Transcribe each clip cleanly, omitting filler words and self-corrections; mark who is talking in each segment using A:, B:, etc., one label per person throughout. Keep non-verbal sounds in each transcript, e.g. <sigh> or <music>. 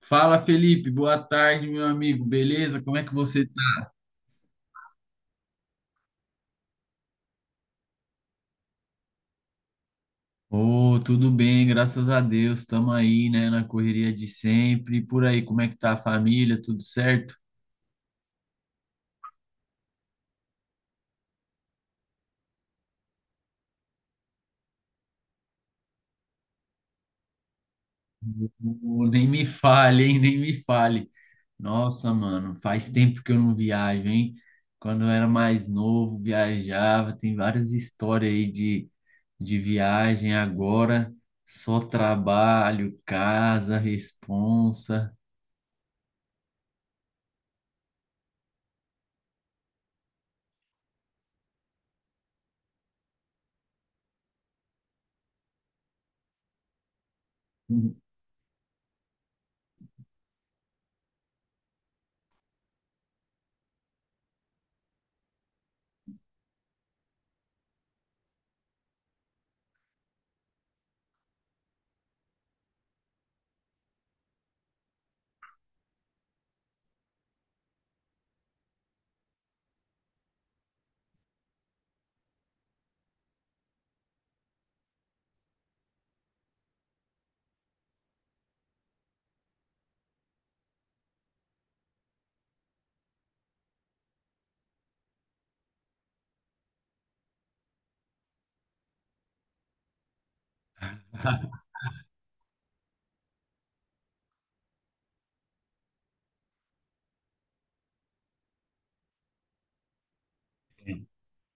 A: Fala, Felipe. Boa tarde, meu amigo. Beleza? Como é que você tá? Ô, tudo bem, graças a Deus. Estamos aí, né, na correria de sempre. E por aí, como é que tá a família? Tudo certo? Ô, nem me fale, hein? Nem me fale. Nossa, mano, faz tempo que eu não viajo, hein? Quando eu era mais novo, viajava. Tem várias histórias aí de viagem. Agora, só trabalho, casa, responsa. <laughs>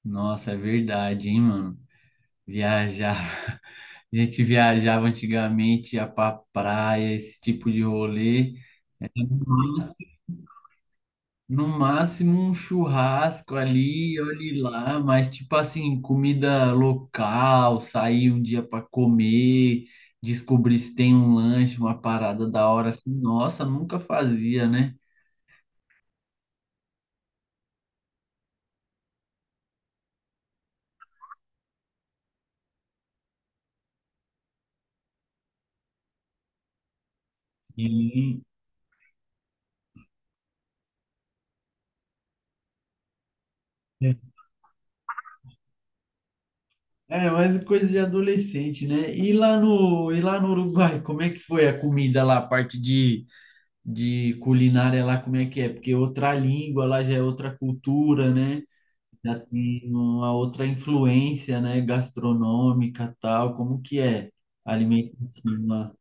A: Nossa, é verdade, hein, mano? Viajava. <laughs> A gente viajava antigamente, ia pra praia, esse tipo de rolê. No máximo um churrasco ali, olhe lá, mas tipo assim, comida local, sair um dia para comer, descobrir se tem um lanche, uma parada da hora assim, nossa, nunca fazia, né? Sim. É, mas é coisa de adolescente, né? E lá no Uruguai, como é que foi a comida lá, a parte de culinária lá, como é que é? Porque outra língua lá já é outra cultura, né? Já tem uma outra influência, né? Gastronômica, tal. Como que é a alimentação lá?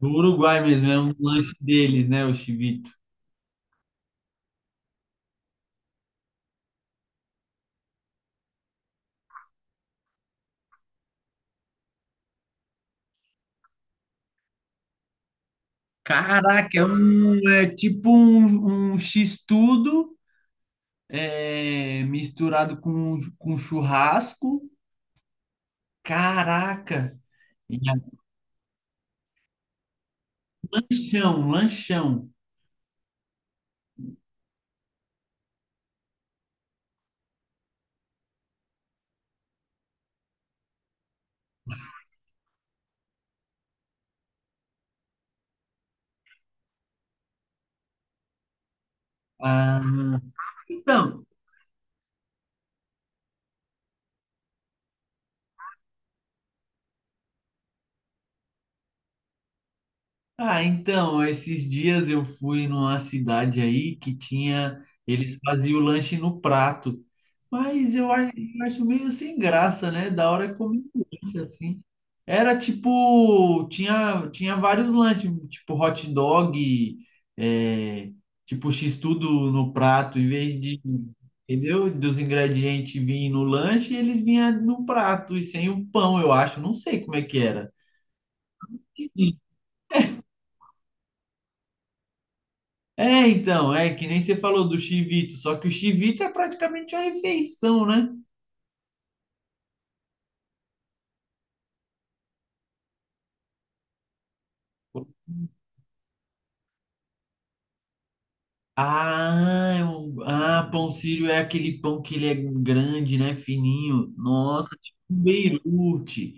A: Do Uruguai mesmo, é um lanche deles, né? O chivito. Caraca, é, é tipo um x-tudo é, misturado com churrasco. Caraca! E é um lanchão, um lanchão. Ah, então, ah, então, esses dias eu fui numa cidade aí que tinha, eles faziam o lanche no prato, mas eu acho meio sem graça, né? Da hora é comer um lanche assim. Era tipo, tinha vários lanches, tipo hot dog, é, tipo x-tudo no prato, em vez de, entendeu? Dos ingredientes virem no lanche, eles vinham no prato e sem o pão, eu acho, não sei como é que era. É, então, é que nem você falou do chivito, só que o chivito é praticamente uma refeição, né? Ah, pão sírio é aquele pão que ele é grande, né? Fininho. Nossa, tipo um Beirute.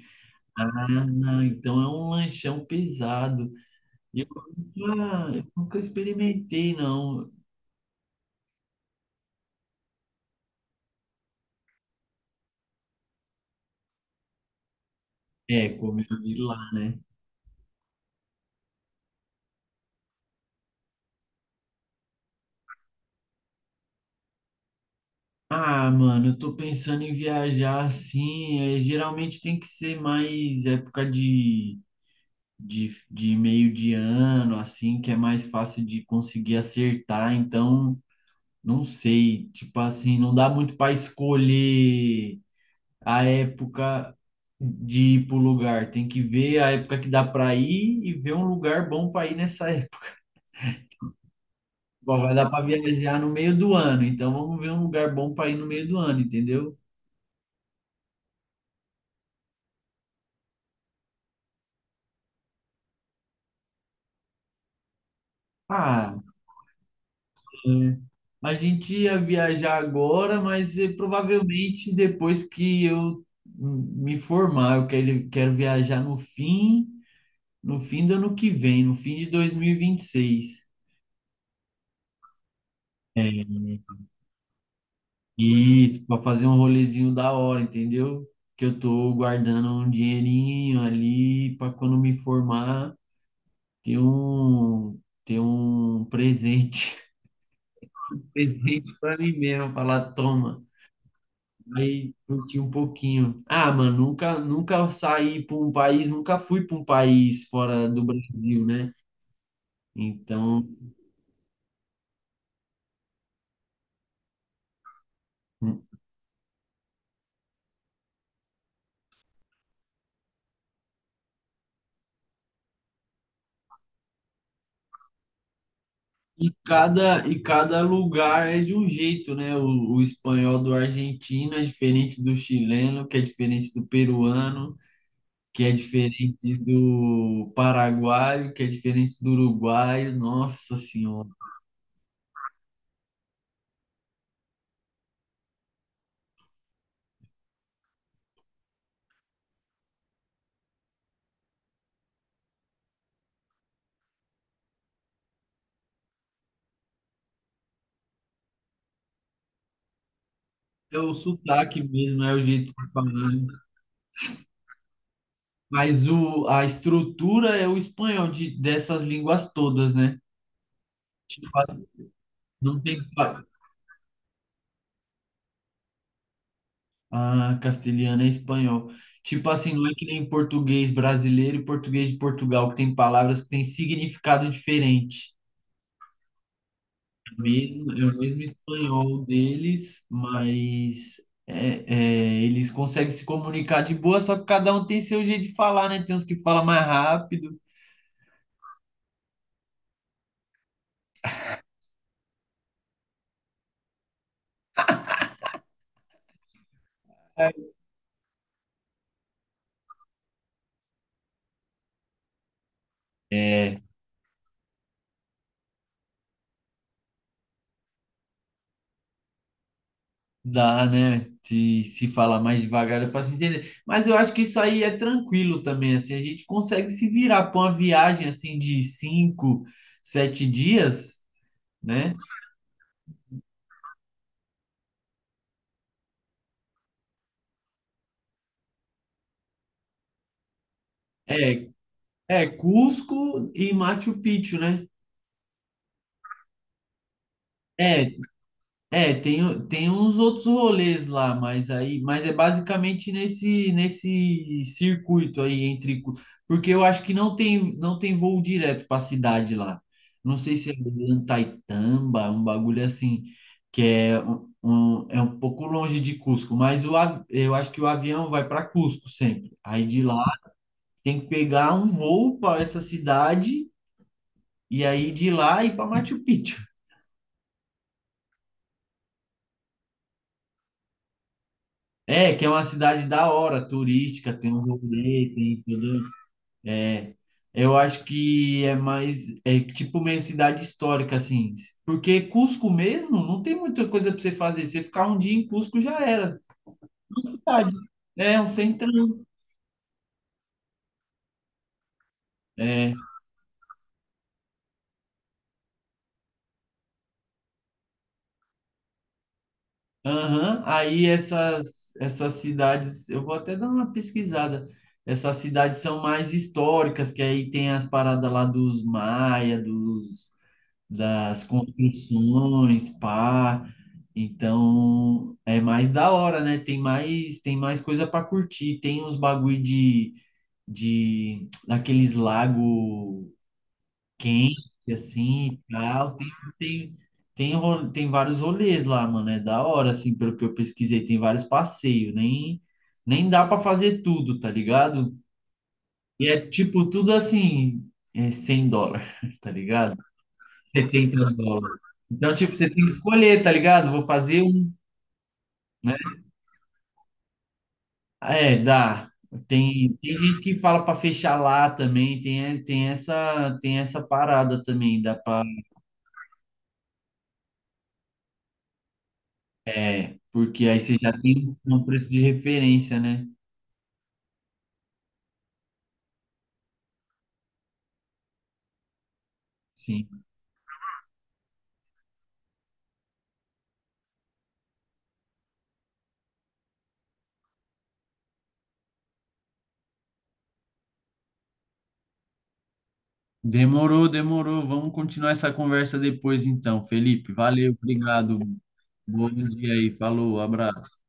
A: Ah, então é um lanchão pesado. Eu eu nunca experimentei, não. É, comeu de lá, né? Ah, mano, eu tô pensando em viajar assim. É, geralmente tem que ser mais época de meio de ano, assim, que é mais fácil de conseguir acertar. Então, não sei, tipo assim, não dá muito para escolher a época de ir pro lugar. Tem que ver a época que dá para ir e ver um lugar bom para ir nessa <laughs> época. Bom, vai dar para viajar no meio do ano, então vamos ver um lugar bom para ir no meio do ano, entendeu? Ah, a gente ia viajar agora, mas provavelmente depois que eu me formar, quero viajar no fim do ano que vem, no fim de 2026. É, isso, para fazer um rolezinho da hora, entendeu? Que eu tô guardando um dinheirinho ali para quando me formar ter um ter um presente, <laughs> presente para mim mesmo, falar, toma. Aí curti um pouquinho. Ah, mano, nunca saí para um país, nunca fui para um país fora do Brasil, né? Então, e cada lugar é de um jeito, né? O espanhol do argentino é diferente do chileno, que é diferente do peruano, que é diferente do paraguaio, que é diferente do uruguaio. Nossa Senhora. É o sotaque mesmo, é o jeito de falar. Mas a estrutura é o espanhol dessas línguas todas, né? Tipo, não tem. Ah, castelhano é espanhol. Tipo assim, não é que nem português brasileiro e português de Portugal, que tem palavras que têm significado diferente. Mesmo, é o mesmo espanhol deles, mas é, é, eles conseguem se comunicar de boa, só que cada um tem seu jeito de falar, né? Tem uns que falam mais rápido. É, dá, né? Se falar mais devagar, é para se entender. Mas eu acho que isso aí é tranquilo também, assim, a gente consegue se virar para uma viagem assim de cinco, sete dias, né? É, é Cusco e Machu Picchu, né? É, é, tem, tem uns outros rolês lá, mas aí, mas é basicamente nesse circuito aí entre, porque eu acho que não tem voo direto para a cidade lá. Não sei se é Antaitamba, um bagulho assim, que é um é um pouco longe de Cusco, mas eu acho que o avião vai para Cusco sempre. Aí de lá tem que pegar um voo para essa cidade e aí de lá ir para Machu Picchu. É, que é uma cidade da hora, turística, tem uns rolês, tem tudo. É, eu acho que é mais, é tipo meio cidade histórica, assim. Porque Cusco mesmo não tem muita coisa para você fazer. Você ficar um dia em Cusco já era. Uma cidade. É, um centrão. É, aham. Aí essas cidades, eu vou até dar uma pesquisada. Essas cidades são mais históricas, que aí tem as paradas lá dos maia, dos das construções, pá. Então, é mais da hora, né? Tem mais coisa para curtir. Tem uns bagulho de daqueles lago quente assim e tal. Tem, tem, tem vários rolês lá, mano. É da hora, assim, pelo que eu pesquisei. Tem vários passeios. Nem dá para fazer tudo, tá ligado? E é tipo tudo assim, é US$ 100, <laughs> tá ligado? US$ 70. Então, tipo, você tem que escolher, tá ligado? Vou fazer um, né? É, dá. Tem, tem gente que fala pra fechar lá também, tem, tem essa parada também, dá pra, é, porque aí você já tem um preço de referência, né? Sim. Demorou, demorou. Vamos continuar essa conversa depois, então. Felipe, valeu, obrigado. Bom dia aí, falou, abraço.